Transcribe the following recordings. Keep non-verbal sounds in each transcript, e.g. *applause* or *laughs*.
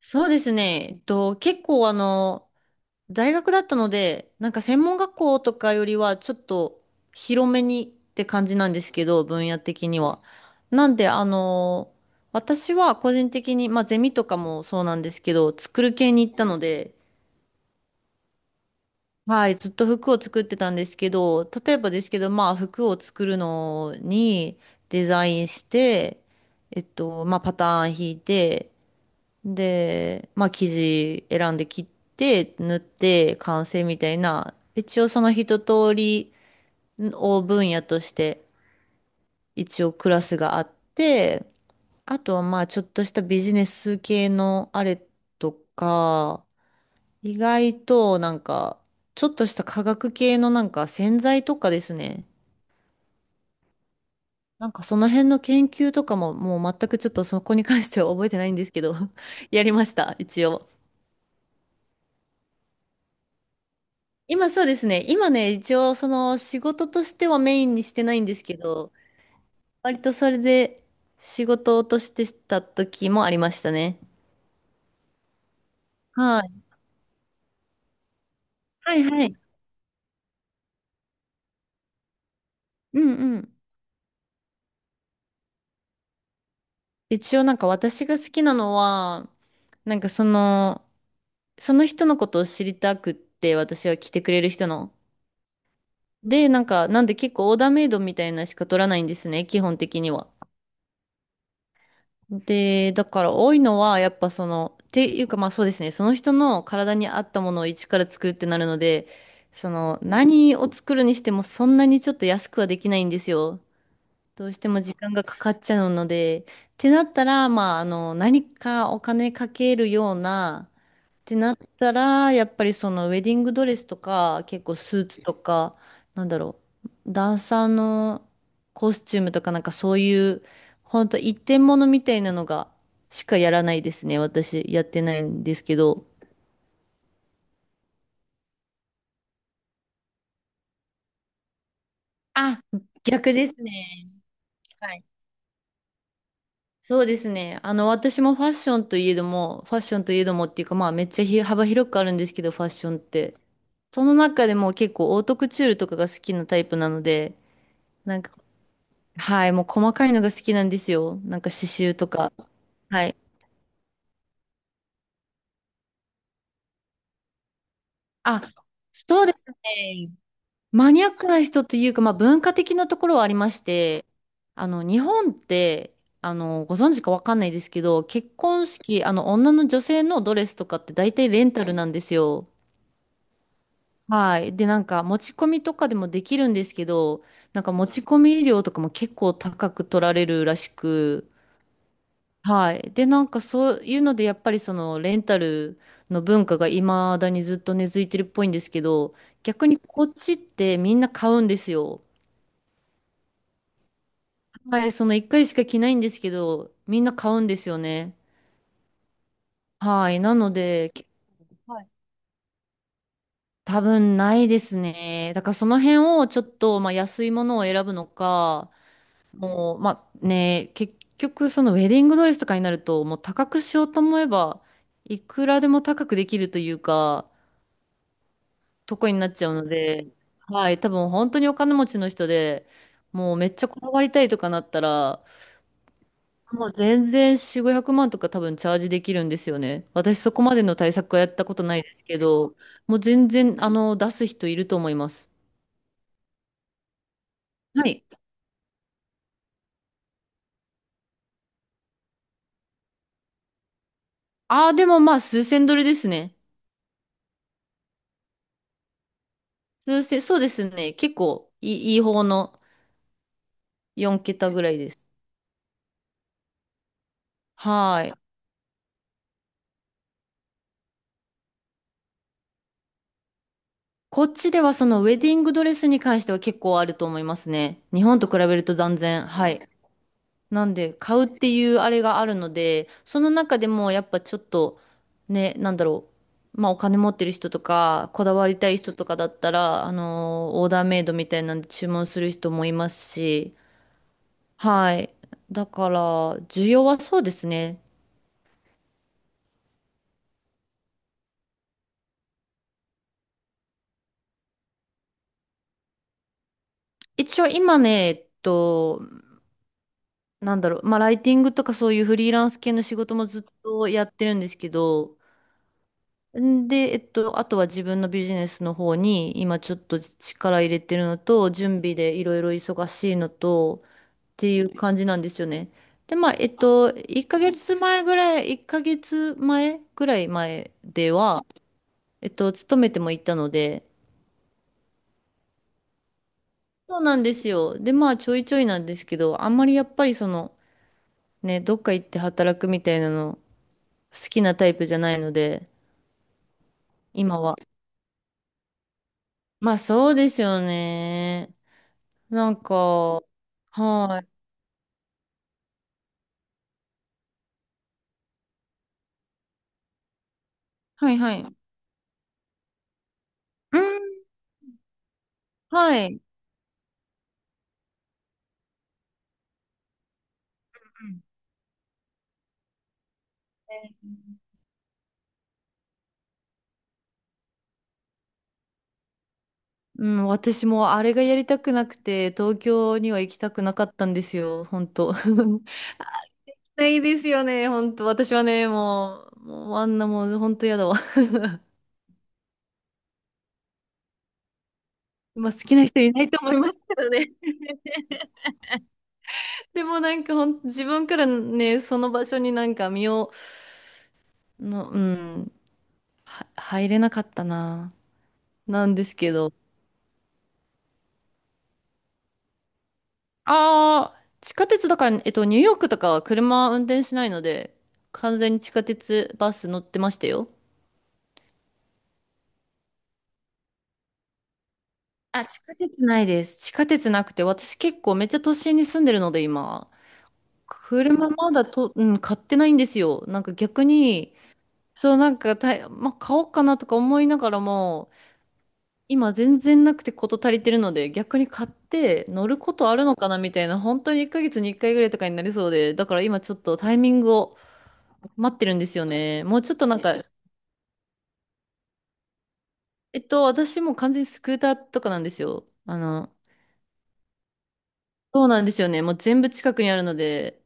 そうですね。えっと、結構あの、大学だったので、なんか専門学校とかよりはちょっと広めにって感じなんですけど、分野的には。なんで、あの、私は個人的に、まあゼミとかもそうなんですけど、作る系に行ったので、はい、ずっと服を作ってたんですけど、例えばですけど、まあ服を作るのにデザインして、まあパターン引いて、で、まあ生地選んで切って縫って完成みたいな、一応その一通りを分野として一応クラスがあって、あとはまあちょっとしたビジネス系のあれとか、意外となんかちょっとした化学系のなんか洗剤とかですね。なんかその辺の研究とかももう全くちょっとそこに関しては覚えてないんですけど *laughs* やりました、一応。今そうですね。今ね、一応その仕事としてはメインにしてないんですけど、割とそれで仕事としてした時もありましたね。はい。はいはい。うんうん。一応なんか私が好きなのは、なんかその、その人のことを知りたくって私は来てくれる人の。で、なんか、なんで結構オーダーメイドみたいなしか取らないんですね、基本的には。で、だから多いのは、やっぱその、っていうかまあそうですね、その人の体に合ったものを一から作るってなるので、その、何を作るにしてもそんなにちょっと安くはできないんですよ。どうしても時間がかかっちゃうので、ってなったら、何かお金かけるような、ってなったら、やっぱりそのウェディングドレスとか、結構スーツとか、なんだろダンサーのコスチュームとかなんかそういう、ほんと一点物みたいなのがしかやらないですね。私やってないんですけど。あ、逆ですね。はい。そうですね。私もファッションといえども、ファッションといえどもっていうか、まあめっちゃ幅広くあるんですけど、ファッションって。その中でも結構オートクチュールとかが好きなタイプなので、なんかはい、もう細かいのが好きなんですよ。なんか刺繍とか。はい。あ、そうですね。マニアックな人というか、まあ文化的なところはありまして、日本って、ご存知かわかんないですけど、結婚式、女性のドレスとかって大体レンタルなんですよ。はい。で、なんか持ち込みとかでもできるんですけど、なんか持ち込み料とかも結構高く取られるらしく、はい。で、なんかそういうので、やっぱりそのレンタルの文化が未だにずっと根付いてるっぽいんですけど、逆にこっちってみんな買うんですよ。はい、その1回しか着ないんですけど、みんな買うんですよね。はい。なので、け、はい、多分ないですね。だからその辺をちょっと、まあ、安いものを選ぶのか、もう、まあね、結局そのウェディングドレスとかになると、もう高くしようと思えば、いくらでも高くできるというか、とこになっちゃうので、はい、多分本当にお金持ちの人で、もうめっちゃこだわりたいとかなったら、もう全然4、500万とか多分チャージできるんですよね。私そこまでの対策はやったことないですけど、もう全然、あの、出す人いると思います。はい。ああ、でもまあ数千ドルですね。数千、そうですね。結構いい、いい方の4桁ぐらいです。はい。こっちではそのウェディングドレスに関しては結構あると思いますね。日本と比べると断然。はい。なんで、買うっていうあれがあるので、その中でもやっぱちょっと、ね、なんだろう。まあお金持ってる人とか、こだわりたい人とかだったら、あのーオーダーメイドみたいなんで注文する人もいますし、はい。だから、需要はそうですね。一応今ね、えっと、なんだろう、まあライティングとかそういうフリーランス系の仕事もずっとやってるんですけど、んで、えっと、あとは自分のビジネスの方に今ちょっと力入れてるのと、準備でいろいろ忙しいのと、っていう感じなんですよね。で、まあ、えっと、1ヶ月前ぐらい前では、勤めてもいたので、そうなんですよ。で、まあ、ちょいちょいなんですけど、あんまりやっぱりその、ね、どっか行って働くみたいなの、好きなタイプじゃないので、今は。まあ、そうですよね。なんか、はいはいはい。うん、はい。うん、私もあれがやりたくなくて、東京には行きたくなかったんですよ、本当。*laughs* ないですよね、本当。私はね、もうあんなもう本当やだわ。*laughs* 今好きな人いないと思いますね。*laughs* でもなんかほん、自分からね、その場所になんか身を、の、うん、は、入れなかったな、なんですけど。ああ、地下鉄だから、ニューヨークとかは車運転しないので、完全に地下鉄、バス乗ってましたよ。あ、地下鉄ないです。地下鉄なくて、私結構めっちゃ都心に住んでるので、今。車まだと、うん、買ってないんですよ。なんか逆に、そう、なんかた、まあ、買おうかなとか思いながらも、今全然なくてこと足りてるので、逆に買って乗ることあるのかなみたいな、本当に1ヶ月に1回ぐらいとかになりそうで、だから今ちょっとタイミングを待ってるんですよね。もうちょっとなんか、私もう完全にスクーターとかなんですよ。そうなんですよね。もう全部近くにあるので、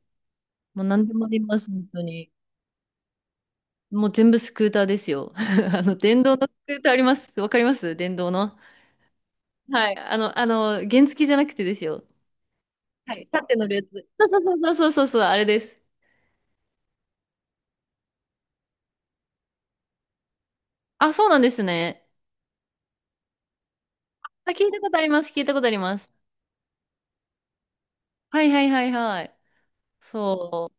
もう何でもあります、本当に。もう全部スクーターですよ。*laughs* あの、電動のスクーターあります。わかります電動の。はい。あの、原付じゃなくてですよ。はい。立って乗るやつ。そうそうそうそうそうそう、あれです。あ、そうなんですね。あ、聞いたことあります。聞いたことあります。はいはいはいはい。そ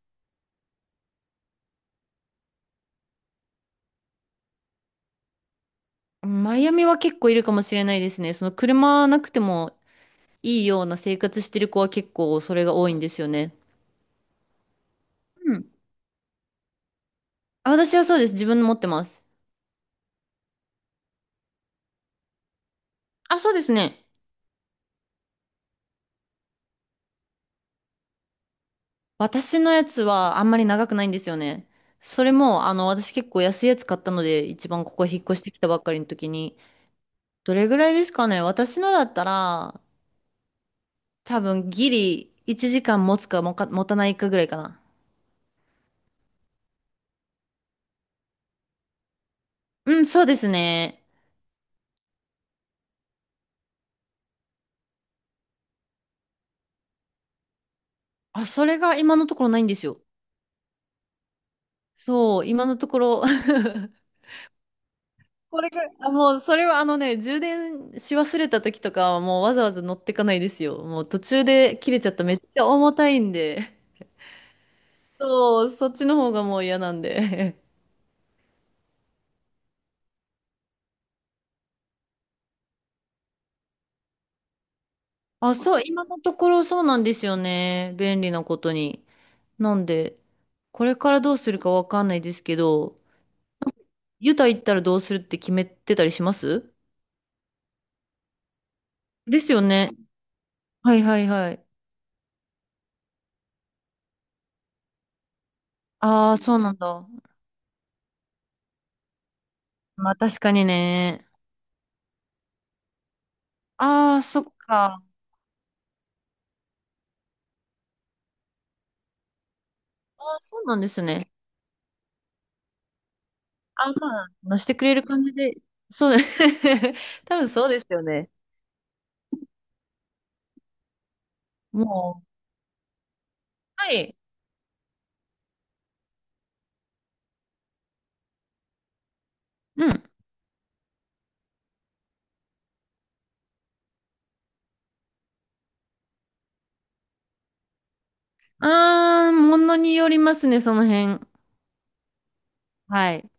う。マイアミは結構いるかもしれないですね。その車なくてもいいような生活してる子は結構それが多いんですよね。うん。あ、私はそうです。自分の持ってます。あ、そうですね。私のやつはあんまり長くないんですよね。それも、私結構安いやつ買ったので、一番ここ引っ越してきたばっかりの時に、どれぐらいですかね私のだったら、多分ギリ1時間持つかもか、持たないかぐらいかな。うん、そうですね。あ、それが今のところないんですよ。そう、今のところ *laughs* これぐらい。あ、もう、それはあのね、充電し忘れた時とかはもうわざわざ乗ってかないですよ。もう途中で切れちゃっためっちゃ重たいんで。そう、そっちの方がもう嫌なんで。*laughs* あ、そう、今のところそうなんですよね。便利なことに。なんで、これからどうするかわかんないですけど、ユタ行ったらどうするって決めてたりします？ですよね。はいはいはい。ああ、そうなんだ。まあ確かにね。ああ、そっか。ああ、そうなんですね。ああ、まあ、乗してくれる感じで。そうだね。*laughs* 多分そうですよね。もう。はい。うん。あー、ものによりますね、その辺。はい。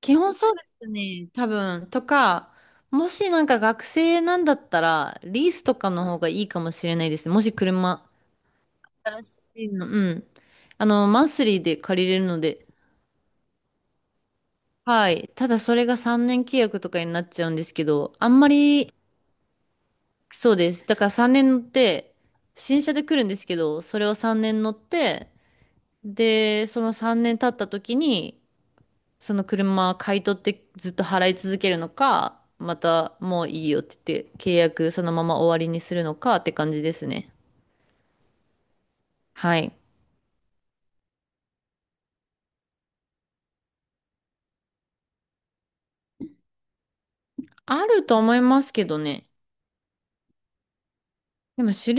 基本そうですね、多分。とか、もしなんか学生なんだったら、リースとかの方がいいかもしれないですね。もし車。新しいの。うん。マンスリーで借りれるので。はい。ただそれが3年契約とかになっちゃうんですけど、あんまり、そうです。だから3年乗って、新車で来るんですけど、それを3年乗って、で、その3年経った時に、その車買い取ってずっと払い続けるのか、またもういいよって言って契約そのまま終わりにするのかって感じですね。はい。あると思いますけどね。でも主流